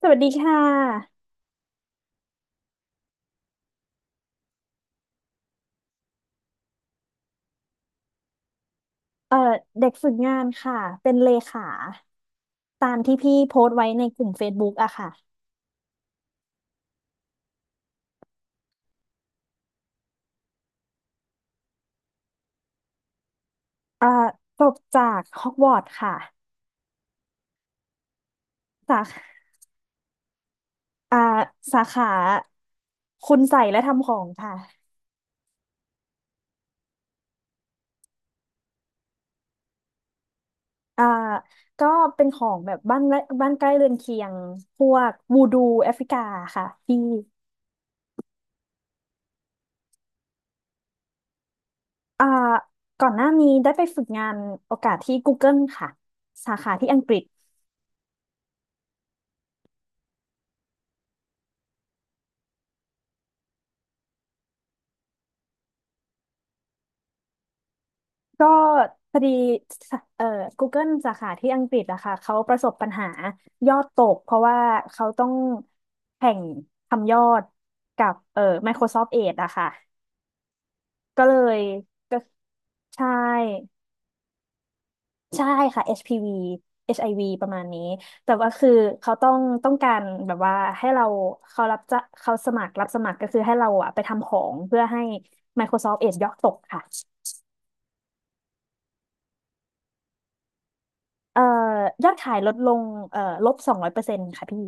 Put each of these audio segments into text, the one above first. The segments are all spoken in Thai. สวัสดีค่ะเอ่อเด็กฝึกงานค่ะ เป็นเลขาตามที่พี่โพสต์ไว้ในกลุ่ม Facebook อะค่ะเอ่อจบจากฮอกวอตส์ค่ะสาขาอ่าสาขาคุณใส่และทำของค่ะอ่าก็เป็นของแบบบ้านและบ้านใกล้เรือนเคียง พวกวูดูแอฟริกาค่ะพี่อ่าก่อนหน้านี้ได้ไปฝึกงานโอกาสที่ Google ค่ะ สาขาที่อังกฤษ ก็พอดีเอ่อ Google สาขาที่อังกฤษอะค่ะเขาประสบปัญหายอดตกเพราะว่าเขาต้องแข่งทำยอดกับMicrosoft Edge อะค่ะก็เลยก็ใช่ใช่ค่ะ HPV HIV ประมาณนี้แต่ว่าคือเขาต้องต้องการแบบว่าให้เราเขารับจะเขาสมัครรับสมัครก็คือให้เราอะไปทำของเพื่อให้ Microsoft Edge ยอดตกค่ะเอ่อยอดขายลดลงเอ่อ-200%ค่ะพี่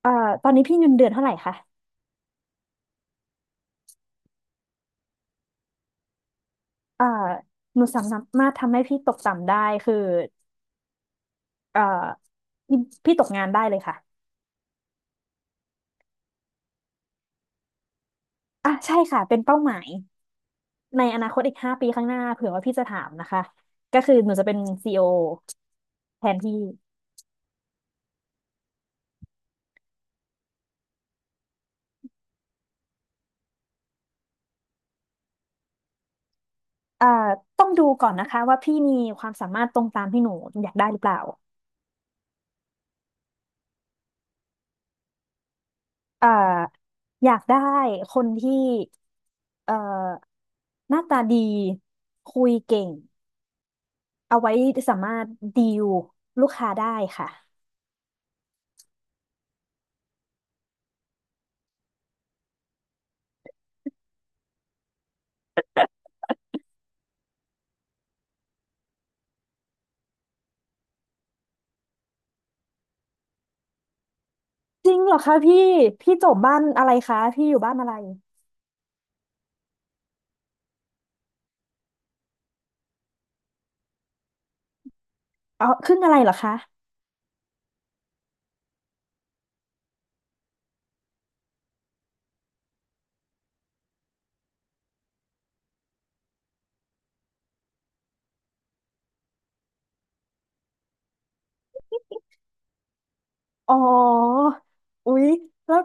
เอ่อตอนนี้พี่เงินเดือนเท่าไหร่คะเอ่อหนูสามารถทำให้พี่ตกต่ำได้คือเอ่อพี่พี่ตกงานได้เลยค่ะอ่ะใช่ค่ะเป็นเป้าหมายในอนาคตอีก5 ปีข้างหน้าเผื่อว่าพี่จะถามนะคะก็คือหนูจะเป็นCEOแทนพี่เอ่อต้องดูก่อนนะคะว่าพี่มีความสามารถตรงตามที่หนูอยากได้หรือเปล่าเอ่ออยากได้คนที่เอ่อหน้าตาดีคุยเก่ง เอาไว้สามารถดีลลูกค้าได้ค่ะจริงเหรอคะพี่พี่จบบ้านอะไรคะพี่อยู่บ้านอะไรอ๋อครึ่งอะไรเหรอคะอ๋ออุ๊ยแล้ว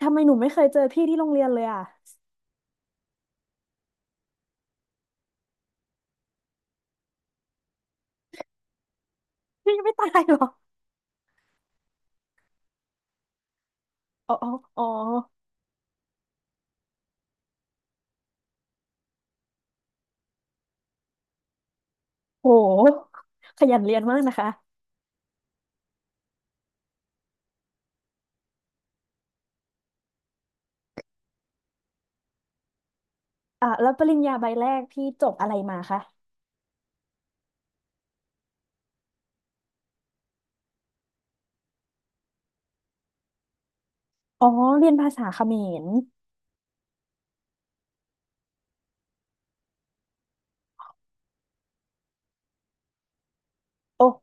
ทำไมหนูไม่เคยเจอพี่ที่โรงเรียนเลยอ่ะพี่ไม่ตายเหรออ๋ออ๋ออ๋อโหขยันเรียนมากนะคะอ่ะแล้วปริญญาใบแรกพี่จบอะไรมาคะอ๋อเรียนภาษาเขมรโอ้โห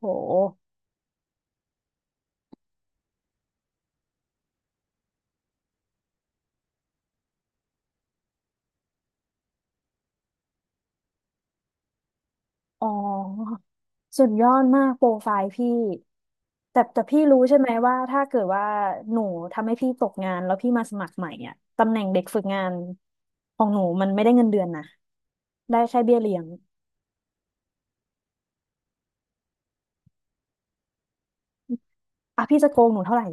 อ๋อสุดยอดมากโปรไฟล์พี่แต่พี่รู้ใช่ไหมว่าถ้าเกิดว่าหนูทำให้พี่ตกงานแล้วพี่มาสมัครใหม่อ่ะตำแหน่งเด็กฝึกงานของหนูมันไม่ได้เงินเดือนนะได้แค่เบี้ยเลี้ยงอ่ะพี่จะโกงหนูเท่าไหร่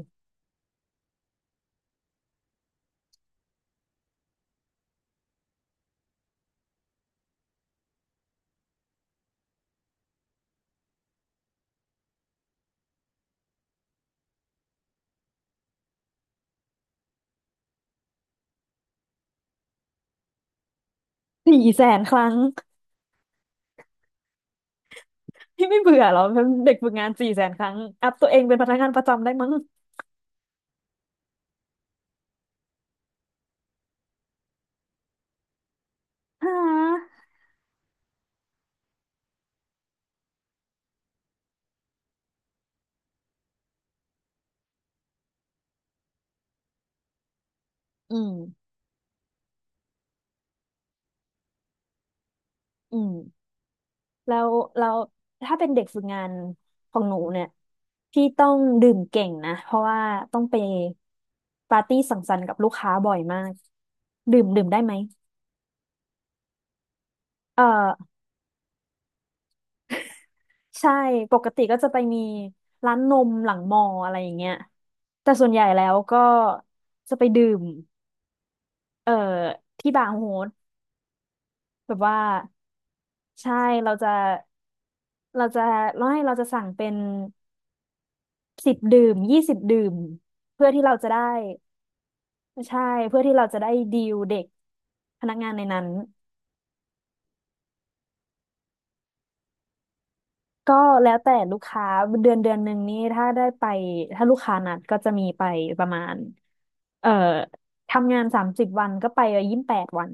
สี่แสนครั้ง พี่ไม่เบื่อเหรอเป็นเด็กฝึกงานสี่แสนครั้งอัพตัวเองเป็นพนักงานประจำได้มั้ง ฮะอืมอืม แล้วเราถ้าเป็นเด็กฝึกงานของหนูเนี่ย พี่ต้องดื่มเก่งนะ เพราะว่าต้องไปปาร์ตี้สังสรรค์กับลูกค้าบ่อยมาก ดื่มดื่มได้ไหม เออใช่ ปกติก็จะไปมีร้านนมหลังมออะไรอย่างเงี้ยแต่ส่วนใหญ่แล้วก็จะไปดื่ม เอ่อ ที่บาร์โฮสแบบว่าใช่เราจะเราจะไม่เราจะสั่งเป็นสิบดื่ม20 ดื่มเพื่อที่เราจะได้ ใช่เพื่อที่เราจะได้ดีลเด็กพนักงานในนั้นก็แล้วแต่ลูกค้าเดือนเดือนหนึ่งนี่ถ้าได้ไปถ้าลูกค้านัดก็จะมีไปประมาณเอ่อทำงาน30 วันก็ไป28 วัน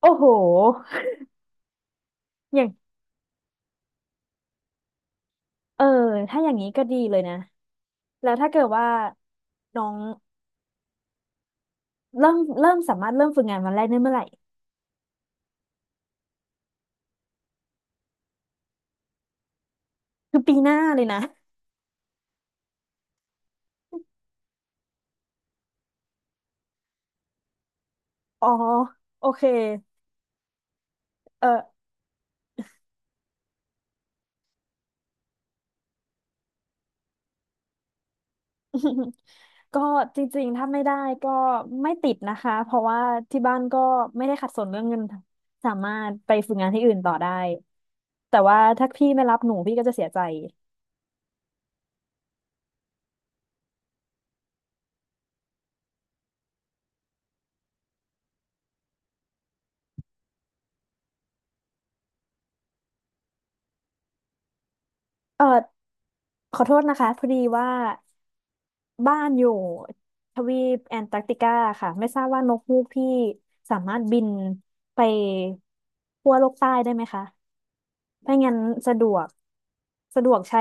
โอ้โห อย่างเออถ้าอย่างนี้ก็ดีเลยนะแล้วถ้าเกิดว่าน้องเริ่มเริ่มสามารถเริ่มฝึกงานวันแรกได้เมื่อไหร่คือปีหน้าเลยนะอ๋อโอเคเออ ก็จริงๆถ้าไม่ได้ก็ไม่ติดนะคะเพราะว่าที่บ้านก็ไม่ได้ขัดสนเรื่องเงินสามารถไปฝึกงานที่อื่นต่อได้แต่ว่าถ้าพี่ไม่รับหนูพี่ก็จะเสียใจเออขอโทษนะคะพอดีว่าบ้านอยู่ทวีปแอนตาร์กติกาค่ะไม่ทราบว่านกฮูกพี่สามารถบินไปขั้วโลกใต้ได้ไหมคะ ถ้างั้นสะดวกสะดวกใช้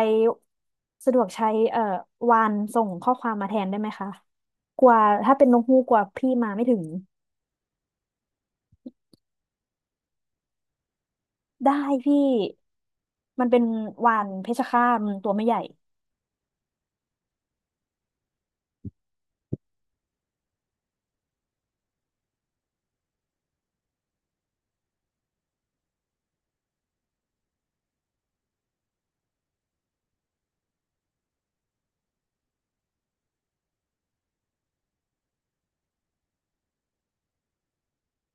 สะดวกใช้วานส่งข้อความมาแทนได้ไหมคะกลัว่าถ้าเป็นนกฮูกกลัว่าพี่มาไม่ถึงได้พี่มันเป็นวานเพชรฆาตมันตัวไม่ใหญ่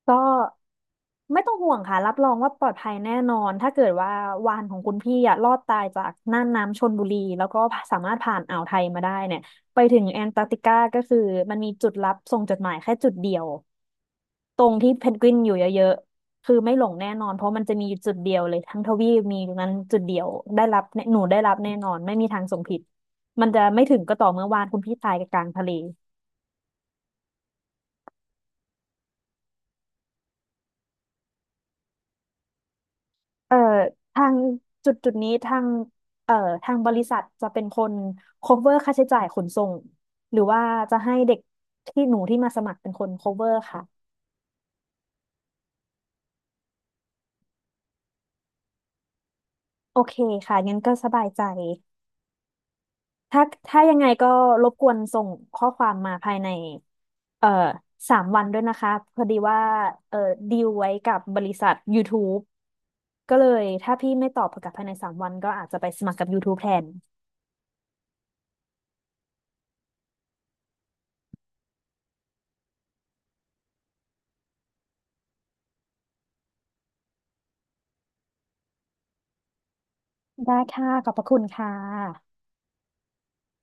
ก็ไม่ต้องห่วงค่ะรับรองว่าปลอดภัยแน่นอนถ้าเกิดว่าวานของคุณพี่อะรอดตายจากน่านน้ำชลบุรีแล้วก็สามารถผ่านอ่าวไทยมาได้เนี่ยไปถึงแอนตาร์กติกาก็คือมันมีจุดรับส่งจดหมายแค่จุดเดียว ตรงที่เพนกวินอยู่เยอะๆคือไม่หลงแน่นอนเพราะมันจะมีอยู่จุดเดียวเลยทั้งทวีปมีตรงนั้นจุดเดียวได้รับแน่หนูได้รับแน่นอนไม่มีทางส่งผิดมันจะไม่ถึงก็ต่อเมื่อวานคุณพี่ตายกลางทะเลเอ่อทางจุดจุดนี้ทางเอ่อทางบริษัทจะเป็นคน cover ค่าใช้จ่ายขนส่งหรือว่าจะให้เด็กที่หนูที่มาสมัครเป็นคน cover ค่ะโอเคค่ะงั้นก็สบายใจ ถ้ายังไงก็รบกวนส่งข้อความมาภายในเอ่อสามวันด้วยนะคะพอดีว่าเอ่อดีลไว้กับบริษัท YouTube ก็เลยถ้าพี่ไม่ตอบกลับภายในสามวันก็อาจจะไปสมัครกับ YouTube แทนได้ค่ะขอบพระคุณค่ะ